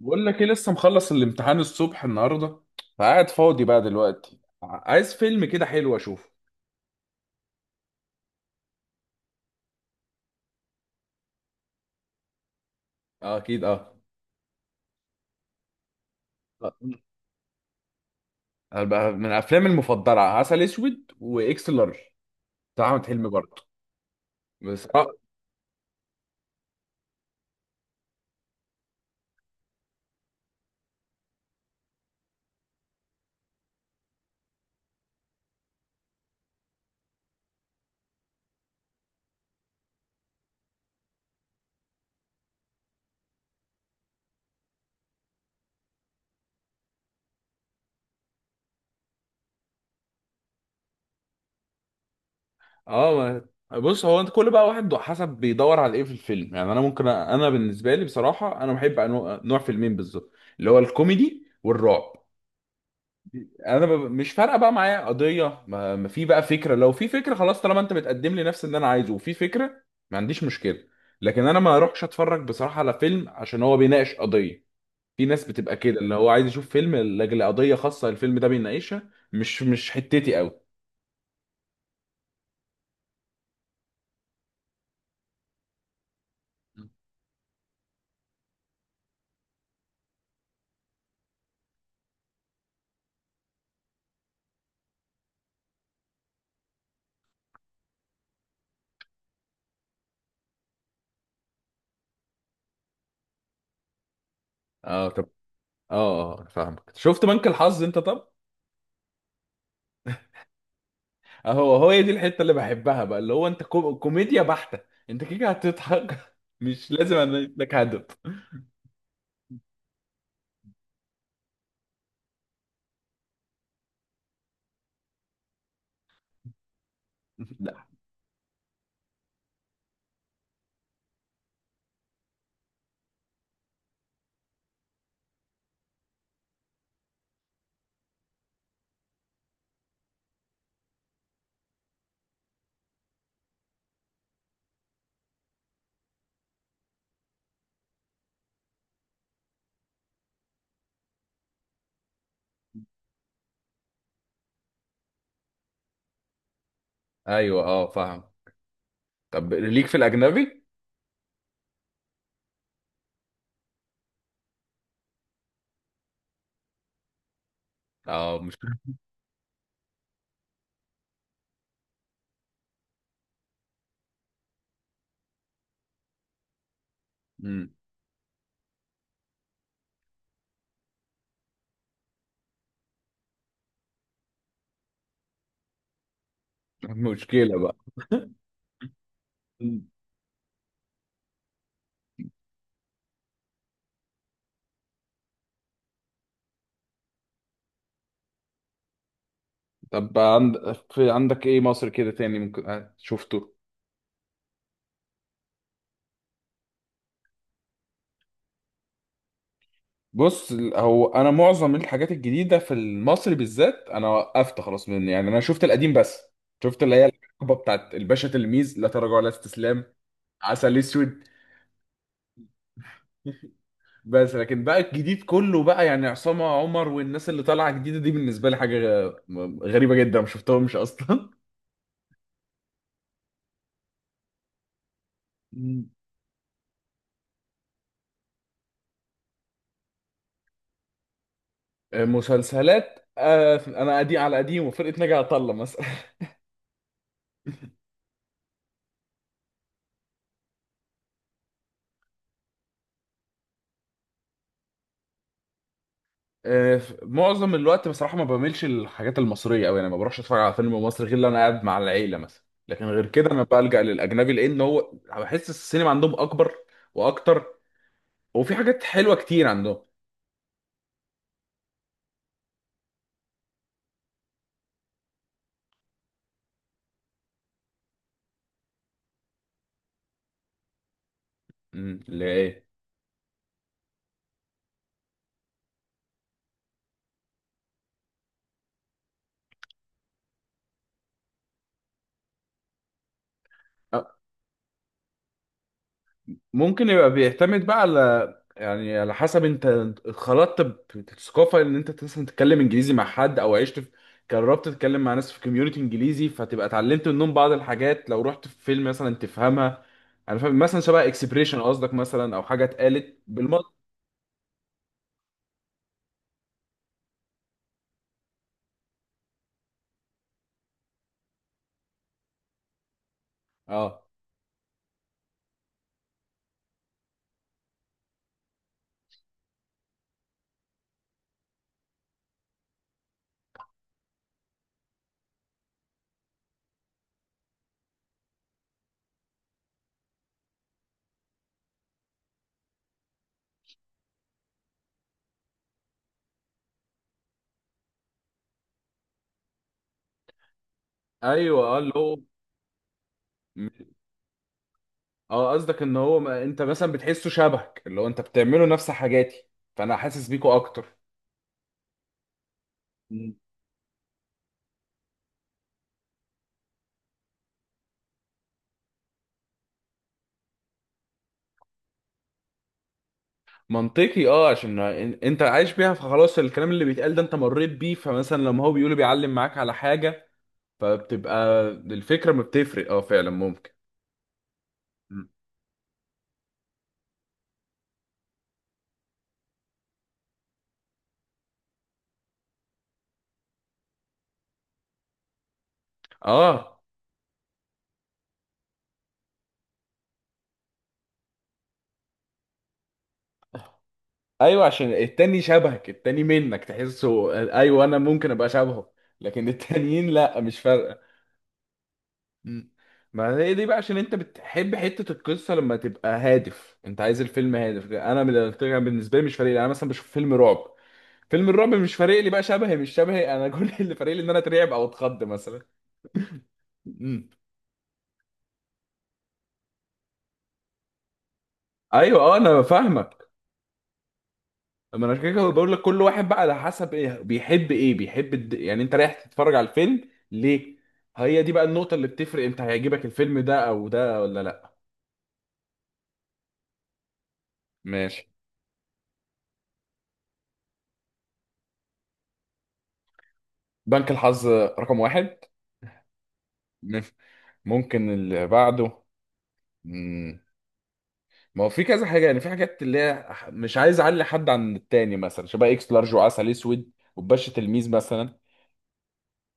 بقول لك ايه، لسه مخلص الامتحان الصبح النهارده. فقاعد فاضي بقى دلوقتي عايز فيلم كده حلو اشوفه. آه، اكيد اه. آه، هبقى من افلامي المفضله عسل اسود واكس لارج بتاع احمد حلمي برضه. بس اه. اه، بص هو انت كل بقى واحد حسب بيدور على ايه في الفيلم، يعني انا بالنسبه لي بصراحه انا بحب نوع فيلمين بالظبط، اللي هو الكوميدي والرعب. مش فارقه بقى معايا قضيه، ما في بقى فكره، لو في فكره خلاص طالما انت بتقدم لي نفس اللي انا عايزه وفي فكره، ما عنديش مشكله. لكن انا ما اروحش اتفرج بصراحه على فيلم عشان هو بيناقش قضيه. في ناس بتبقى كده اللي هو عايز يشوف فيلم لاجل قضيه خاصه الفيلم ده بيناقشها، مش حتتي قوي. اه طب. اه اه اه، فاهمك. شفت بنك الحظ انت؟ طب اهو هي دي الحته اللي بحبها بقى، اللي هو انت كوميديا بحته. انت كده هتضحك مش لازم انا لك هدف. لا. ايوه اه، فاهم. طب ليك في الأجنبي؟ اه مش. مم. مشكلة بقى. مم. طب في عندك ايه مصر كده تاني ممكن شفته؟ بص، هو انا معظم الحاجات الجديدة في المصري بالذات انا وقفت خلاص، من يعني انا شفت القديم بس. شفت اللي هي الحقبة بتاعت الباشا تلميذ، لا تراجع ولا استسلام، عسل اسود. بس لكن بقى الجديد كله بقى، يعني عصام عمر والناس اللي طالعة جديدة دي بالنسبة لي حاجة غريبة جدا، ما شفتهمش اصلا. مسلسلات، انا قديم على قديم، وفرقه ناجي عطا الله مثلا. معظم الوقت بصراحه ما بعملش الحاجات المصريه قوي، انا ما بروحش اتفرج على فيلم مصري غير لو انا قاعد مع العيله مثلا، لكن غير كده انا بلجأ للاجنبي لان هو بحس السينما عندهم اكبر واكتر، وفي حاجات حلوه كتير عندهم. اللي هي ايه؟ ممكن يبقى بيعتمد بقى على، يعني على حسب انت اتخلطت بثقافه، ان انت مثلا تتكلم انجليزي مع حد او عشت في، جربت تتكلم مع ناس في كوميونتي انجليزي، فتبقى اتعلمت منهم بعض الحاجات، لو رحت في فيلم مثلا تفهمها. انا فاهم مثلا شبه اكسبريشن قصدك مثلا، او حاجه اتقالت بالمصري. اه ايوه اه، اللي هو. اه، قصدك ان هو، ما انت مثلا بتحسه شبهك، اللي هو انت بتعمله نفس حاجاتي فانا حاسس بيكوا اكتر. منطقي اه، عشان انت عايش بيها فخلاص الكلام اللي بيتقال ده انت مريت بيه، فمثلا لما هو بيقوله بيعلم معاك على حاجة، فبتبقى الفكرة ما بتفرق اه فعلا، ممكن. م. اه ايوه، عشان التاني شبهك، التاني منك تحسه. ايوه، انا ممكن ابقى شبهه، لكن التانيين لا، مش فارقة. م. ما هي دي بقى، عشان انت بتحب حتة القصة لما تبقى هادف، انت عايز الفيلم هادف، انا بالنسبة لي مش فارق لي. انا مثلا بشوف فيلم رعب، فيلم الرعب مش فارق لي بقى شبهي مش شبهي، انا كل اللي فارق لي ان انا اترعب او اتخض مثلا. امم ايوه اه، انا فاهمك. ما انا عشان كده بقول لك كل واحد بقى على حسب ايه بيحب، ايه بيحب يعني انت رايح تتفرج على الفيلم ليه. هي دي بقى النقطة اللي بتفرق انت هيعجبك الفيلم ده او ده ولا لا. ماشي. بنك الحظ رقم واحد. ماشي. ممكن اللي بعده. مم. ما هو في كذا حاجه يعني، في حاجات اللي هي مش عايز اعلي حد عن التاني، مثلا شبه اكس لارج وعسل اسود وباشا تلميذ مثلا،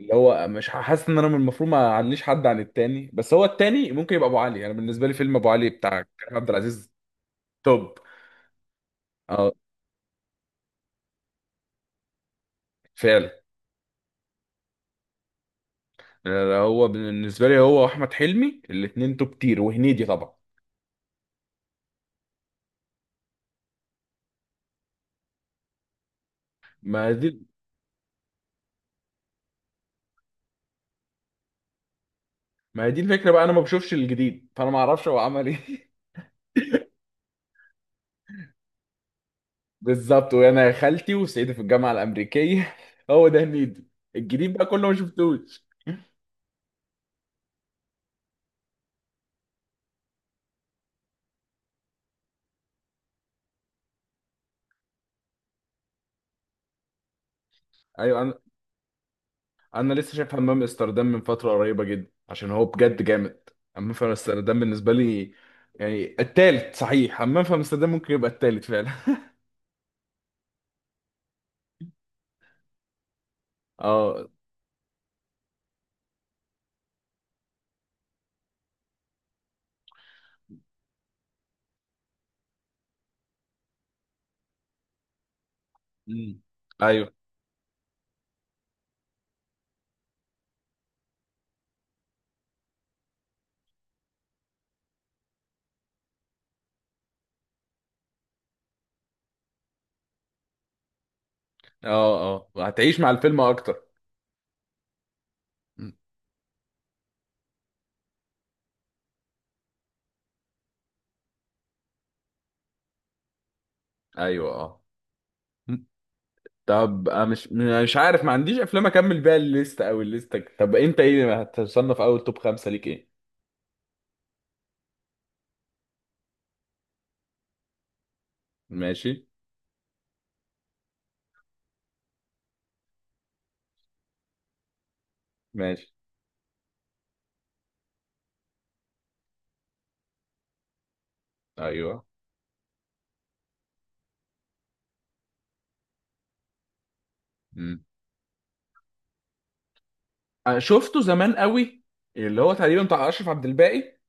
اللي هو مش حاسس ان انا من المفروض ما اعليش حد عن التاني، بس هو التاني ممكن يبقى ابو علي. انا يعني بالنسبه لي فيلم ابو علي بتاع كريم عبد العزيز، توب. اه فعلا. آه، هو بالنسبه لي هو واحمد حلمي الاثنين توب تير، وهنيدي طبعا. ما هي دي ما هي دي الفكره بقى، انا ما بشوفش الجديد فانا ما اعرفش هو عمل ايه. بالظبط، وانا يا خالتي وسعيد في الجامعه الامريكيه هو ده هنيدي. الجديد بقى كله ما شفتوش. ايوه، انا لسه شايف حمام امستردام من فتره قريبه جدا عشان هو بجد جامد. حمام في امستردام بالنسبه لي، يعني التالت صحيح، حمام في امستردام ممكن يبقى التالت فعلا. اه. أمم. ايوه، اه هتعيش مع الفيلم اكتر. أمم. ايوه اه. أمم. طب أنا مش عارف، ما عنديش افلام اكمل بيها الليست او الليستك. طب انت ايه هتصنف؟ اول توب خمسة ليك ايه؟ ماشي. ماشي. ايوه. امم أنا شفته زمان قوي، اللي هو تقريبا بتاع اشرف عبد الباقي.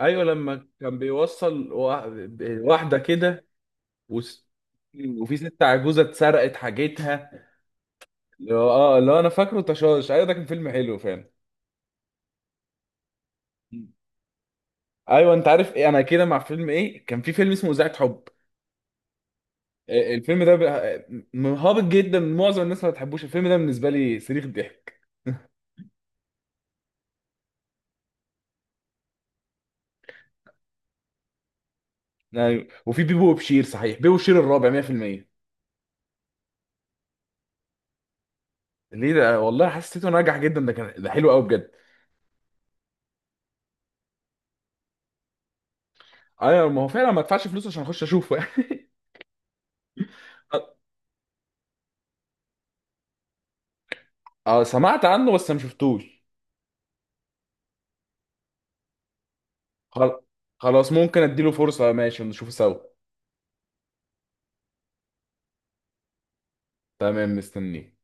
ايوه لما كان بيوصل واحده كده، وس- وفي ست عجوزه اتسرقت حاجتها، اللي هو انا فاكره تشاش. ايوه، ده كان فيلم حلو فعلا. مم. ايوه، انت عارف ايه، انا كده مع فيلم. ايه كان في فيلم اسمه اذاعه حب، آه، الفيلم ده هابط جدا، معظم الناس ما بتحبوش الفيلم ده، بالنسبه لي صريخ ضحك. ايوه وفي بيبو وبشير، صحيح بيبو وبشير الرابع 100%. ليه؟ ده والله حسيته ناجح جدا، ده كان ده حلو قوي بجد. ايوه ما هو فعلا، ما ادفعش فلوس عشان اخش اشوفه يعني. اه، سمعت عنه بس ما شفتوش. خل- خلاص ممكن اديله فرصة، ماشي نشوفه سوا. تمام، مستنيه.